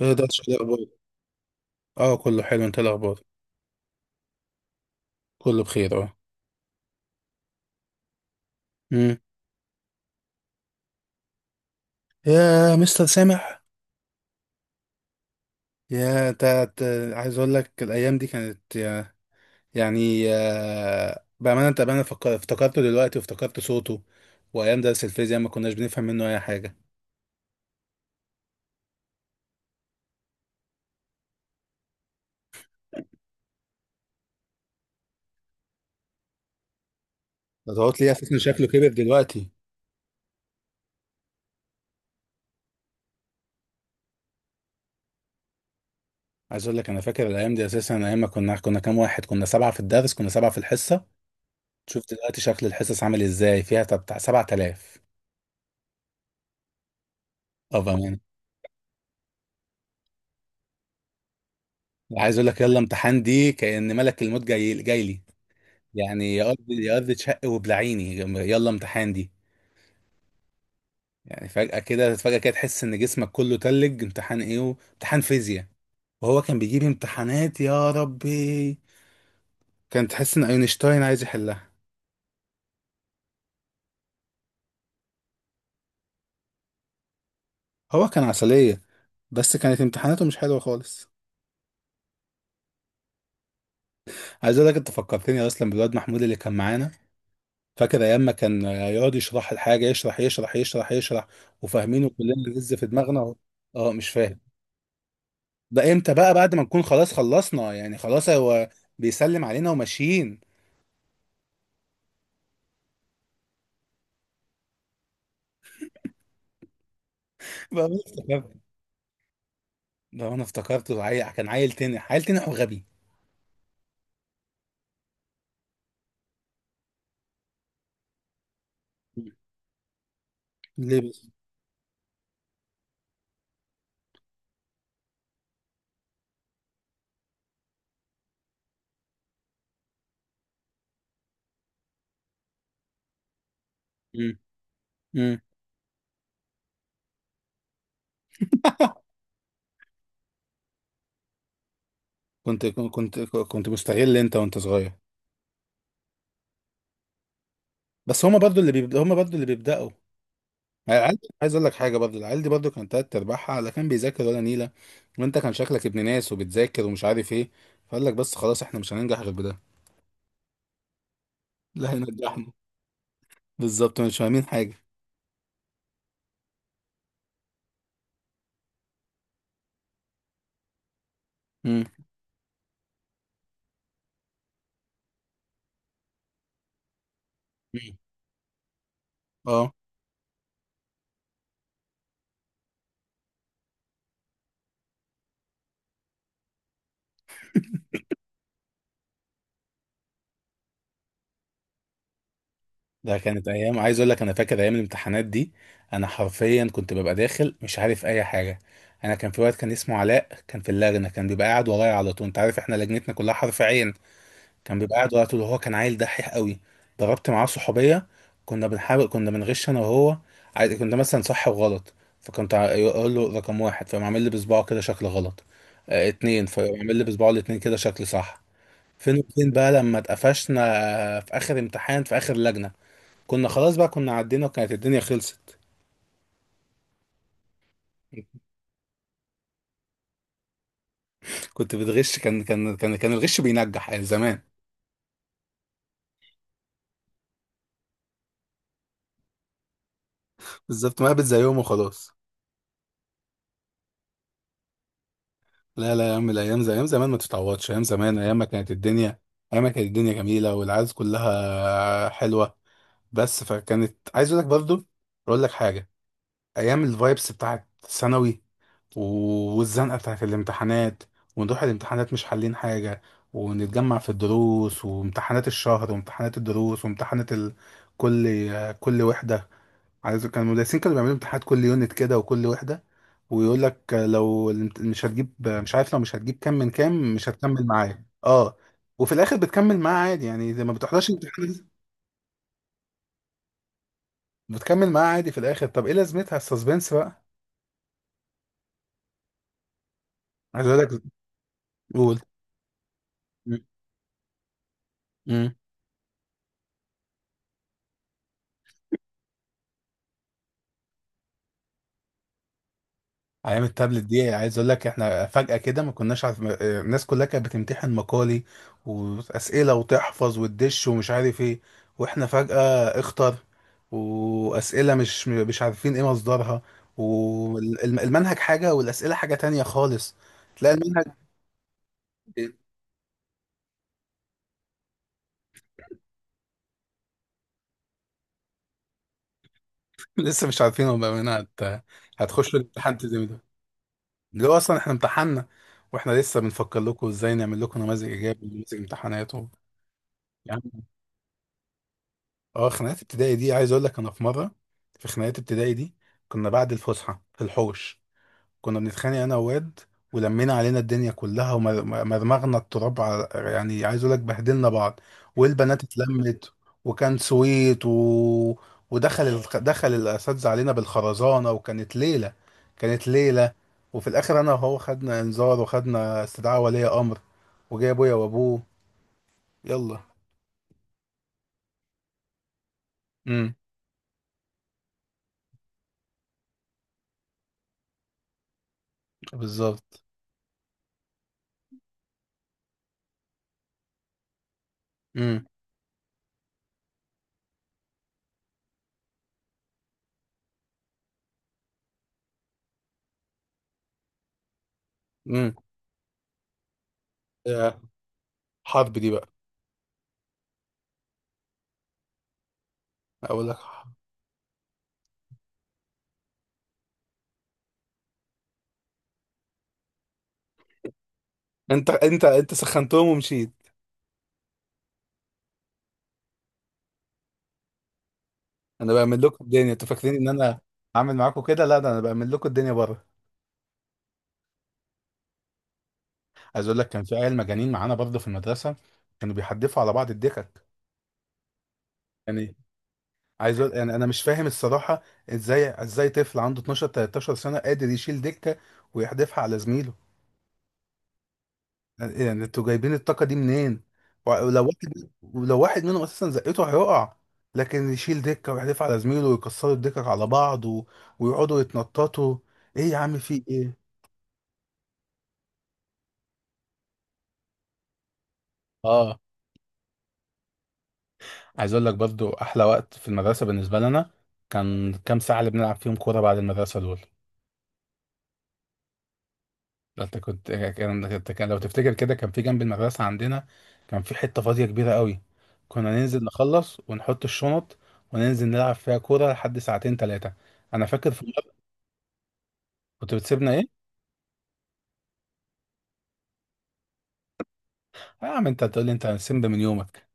ايه ده شو الاخبار؟ اه، كله حلو. انت إيه الاخبار؟ كله بخير اه. امم يا مستر سامح، يا انت، عايز اقول لك الايام دي كانت يعني آه، بامانه، انت بامانه، افتكرته دلوقتي وافتكرت صوته. وايام درس الفيزياء ما كناش بنفهم منه اي حاجه. ده تقعد لي اساسا شكله كبر دلوقتي. عايز اقول لك انا فاكر الايام دي اساسا، ايام ما كنا كام واحد كنا؟ سبعه في الدرس، كنا سبعه في الحصه. شوف دلوقتي شكل الحصص عامل ازاي، فيها بتاع 7000. اه بامانه. عايز اقول لك يلا امتحان دي كأن ملك الموت جاي جاي لي. يعني يا ارض يا ارض تشق وبلعيني. يلا امتحان دي يعني فجأة كده، فجأة كده تحس ان جسمك كله تلج. امتحان ايه امتحان فيزياء. وهو كان بيجيب امتحانات يا ربي، كان تحس ان اينشتاين عايز يحلها. هو كان عسلية، بس كانت امتحاناته مش حلوة خالص. عايز اقول لك انت فكرتني اصلا بالواد محمود اللي كان معانا. فاكر ايام ما كان يقعد يشرح الحاجة، يشرح يشرح يشرح يشرح، وفاهمينه كلنا. لسه في دماغنا. اه مش فاهم؟ ده امتى بقى؟ بعد ما نكون خلاص خلصنا يعني، خلاص هو بيسلم علينا وماشيين. بقى انا افتكرت، بقى انا افتكرته عيل، كان عيل تنح، عيل تنح وغبي. مم. ليه بس؟ مم. مم. كنت مستغل انت وانت صغير. بس هما برضو اللي بيبدأ، هما برضو اللي بيبدأوا. عايز اقول لك حاجه، برضو العيال دي برضو كانت تلات ارباعها لا كان بيذاكر ولا نيله. وانت كان شكلك ابن ناس وبتذاكر ومش عارف ايه. فقال لك بس خلاص احنا مش هننجح غير بده. لا، هينجحنا. بالظبط، مش فاهمين حاجه. امم. اه. ده كانت ايام. عايز اقول لك انا فاكر ايام الامتحانات دي، انا حرفيا كنت ببقى داخل مش عارف اي حاجه. انا كان في وقت كان اسمه علاء كان في اللجنه، كان بيبقى قاعد ورايا على طول. انت عارف احنا لجنتنا كلها حرف عين. كان بيبقى قاعد ورايا على طول وهو كان عيل دحيح قوي. ضربت معاه صحوبيه، كنا بنحاول، كنا بنغش انا وهو. كنا مثلا صح وغلط، فكنت اقول له رقم واحد فيقوم عامل لي بصباعه كده شكل غلط. آه اتنين فيقوم عامل لي بصباعه الاتنين كده شكل صح. فين وفين بقى لما اتقفشنا؟ آه، في اخر امتحان، في اخر لجنه، كنا خلاص بقى، كنا عدينا وكانت الدنيا خلصت. كنت بتغش، كان الغش بينجح يعني زمان. بالظبط، ما قابل زي يوم وخلاص. لا لا يا عم، الايام زي ايام زمان ما تتعوضش. ايام زمان ايام ما كانت الدنيا، ايام ما كانت الدنيا جميله والعز كلها حلوه. بس فكانت، عايز اقول لك برضو، اقول لك حاجه. ايام الفايبس بتاعت ثانوي، والزنقة بتاعت الامتحانات، ونروح الامتحانات مش حالين حاجة، ونتجمع في الدروس وامتحانات الشهر وامتحانات الدروس وامتحانات ال... كل، كل وحدة، عايز كان المدرسين كانوا بيعملوا امتحانات كل يونت كده وكل وحدة. ويقول لك لو مش هتجيب، مش عارف، لو مش هتجيب كام من كام مش هتكمل معاه. اه وفي الاخر بتكمل معاه عادي يعني زي ما بتحضرش امتحان. بتكمل معاه عادي في الاخر، طب ايه لازمتها السسبنس بقى؟ عايز اقول لك. قول. ايام التابلت دي عايز اقول لك احنا فجأة كده ما كناش عارف، آه، الناس كلها كانت بتمتحن مقالي واسئلة وتحفظ وتدش ومش عارف ايه. واحنا فجأة اختر، واسئلة مش عارفين ايه مصدرها. والمنهج حاجة والاسئلة حاجة تانية خالص. تلاقي المنهج. لسه مش عارفين هم منها هت... هتخشوا الامتحان تزمي ده، اللي هو اصلا احنا امتحنا واحنا لسه بنفكر لكم ازاي نعمل لكم نماذج ايجابي ونماذج امتحانات و... يعني. اه خناقات ابتدائي دي عايز اقول لك انا في مره، في خناقات ابتدائي دي، كنا بعد الفسحه في الحوش، كنا بنتخانق انا وواد، ولمينا علينا الدنيا كلها، ومرمغنا التراب على، يعني عايز اقول لك بهدلنا بعض، والبنات اتلمت، وكان سويت و... ودخل ال... دخل الاساتذه علينا بالخرزانه، وكانت ليله، كانت ليله. وفي الاخر انا وهو خدنا انذار وخدنا استدعاء ولي امر، وجاي ابويا وابوه. يلا. امم. بالظبط. امم. امم. حرب دي بقى. اقول لك، انت سخنتهم ومشيت؟ انا بعمل لكم الدنيا، انتوا فاكرين ان انا عامل معاكم كده؟ لا ده انا بعمل لكم الدنيا بره. عايز اقول لك كان في عيال مجانين معانا برضه في المدرسه، كانوا بيحدفوا على بعض الدكك. يعني عايز اقول يعني انا مش فاهم الصراحه، ازاي، ازاي طفل عنده 12 13 سنه قادر يشيل دكه ويحدفها على زميله؟ يعني انتوا جايبين الطاقة دي منين؟ ولو واحد، ولو واحد منهم اساسا زقته هيقع، لكن يشيل دكة ويحدف على زميله ويكسروا الدكك على بعض و... ويقعدوا يتنططوا، ايه يا عم في ايه؟ اه. عايز اقول لك برضو احلى وقت في المدرسه بالنسبه لنا كان كام ساعه اللي بنلعب فيهم كوره بعد المدرسه دول. ده انت كان لو تفتكر كده، كان في جنب المدرسه عندنا كان في حته فاضيه كبيره قوي، كنا ننزل نخلص ونحط الشنط وننزل نلعب فيها كوره لحد ساعتين ثلاثه. انا فاكر في، كنت بتسيبنا ايه؟ آه يا عم انت هتقول لي انت سمب من يومك.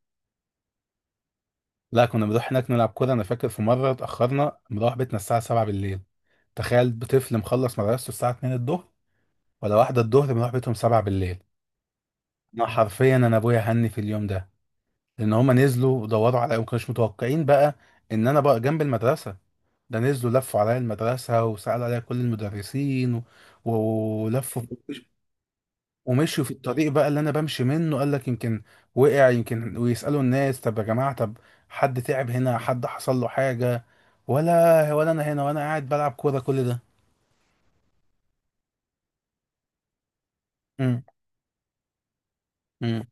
لا كنا بنروح هناك نلعب كورة. انا فاكر في مرة اتأخرنا مروح بيتنا الساعة 7 بالليل. تخيل طفل مخلص مدرسته الساعة 2 الظهر ولا واحدة الظهر بنروح بيتهم 7 بالليل. انا حرفيا انا ابويا هني في اليوم ده، لان هما نزلوا ودوروا عليا وما كانوش متوقعين بقى ان انا بقى جنب المدرسة. ده نزلوا لفوا عليا المدرسة وسألوا عليا كل المدرسين و... ولفوا ومشوا في الطريق بقى اللي انا بمشي منه، قال لك يمكن وقع، يمكن، ويسالوا الناس طب يا جماعه، طب حد تعب هنا، حد حصل له حاجه، ولا، ولا انا هنا وانا قاعد بلعب كوره كل ده. امم. امم.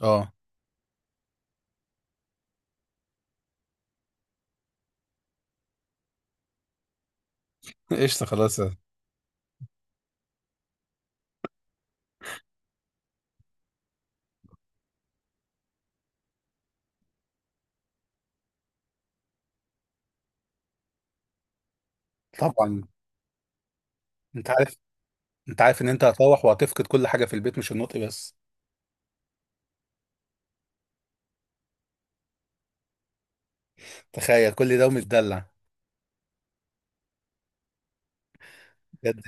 اه. قشطه خلاص. طبعا. انت عارف، انت عارف ان انت هتروح وهتفقد كل حاجه في البيت مش النطق بس. تخيل كل ده ومتدلع. بجد.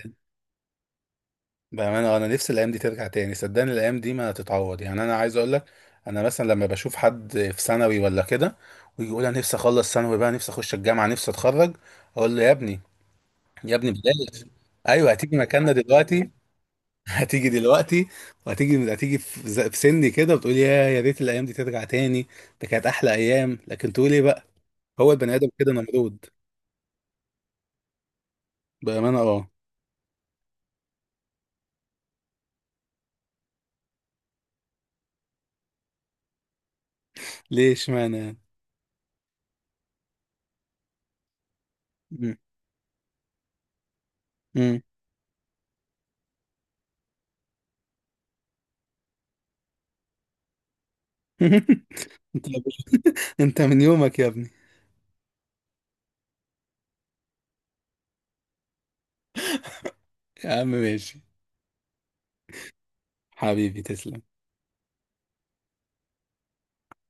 بأمانة آه، أنا نفسي الأيام دي ترجع تاني. صدقني الأيام دي ما تتعوض يعني. أنا عايز أقول لك، أنا مثلا لما بشوف حد في ثانوي ولا كده ويجي يقول أنا نفسي أخلص ثانوي بقى، نفسي أخش الجامعة، نفسي أتخرج، أقول له يا ابني، يا ابني بلاش. أيوه هتيجي مكاننا دلوقتي. هتيجي دلوقتي. وهتيجي، هتيجي في في سني كده وتقول يا ريت الأيام دي ترجع تاني. ده كانت أحلى أيام، لكن تقول إيه بقى؟ هو البني آدم كده نمرود. بأمانة أه. ليه اشمعنى يعني؟ مم. مم. أنت. انت من يومك يا ابني. يا عم ماشي. حبيبي تسلم.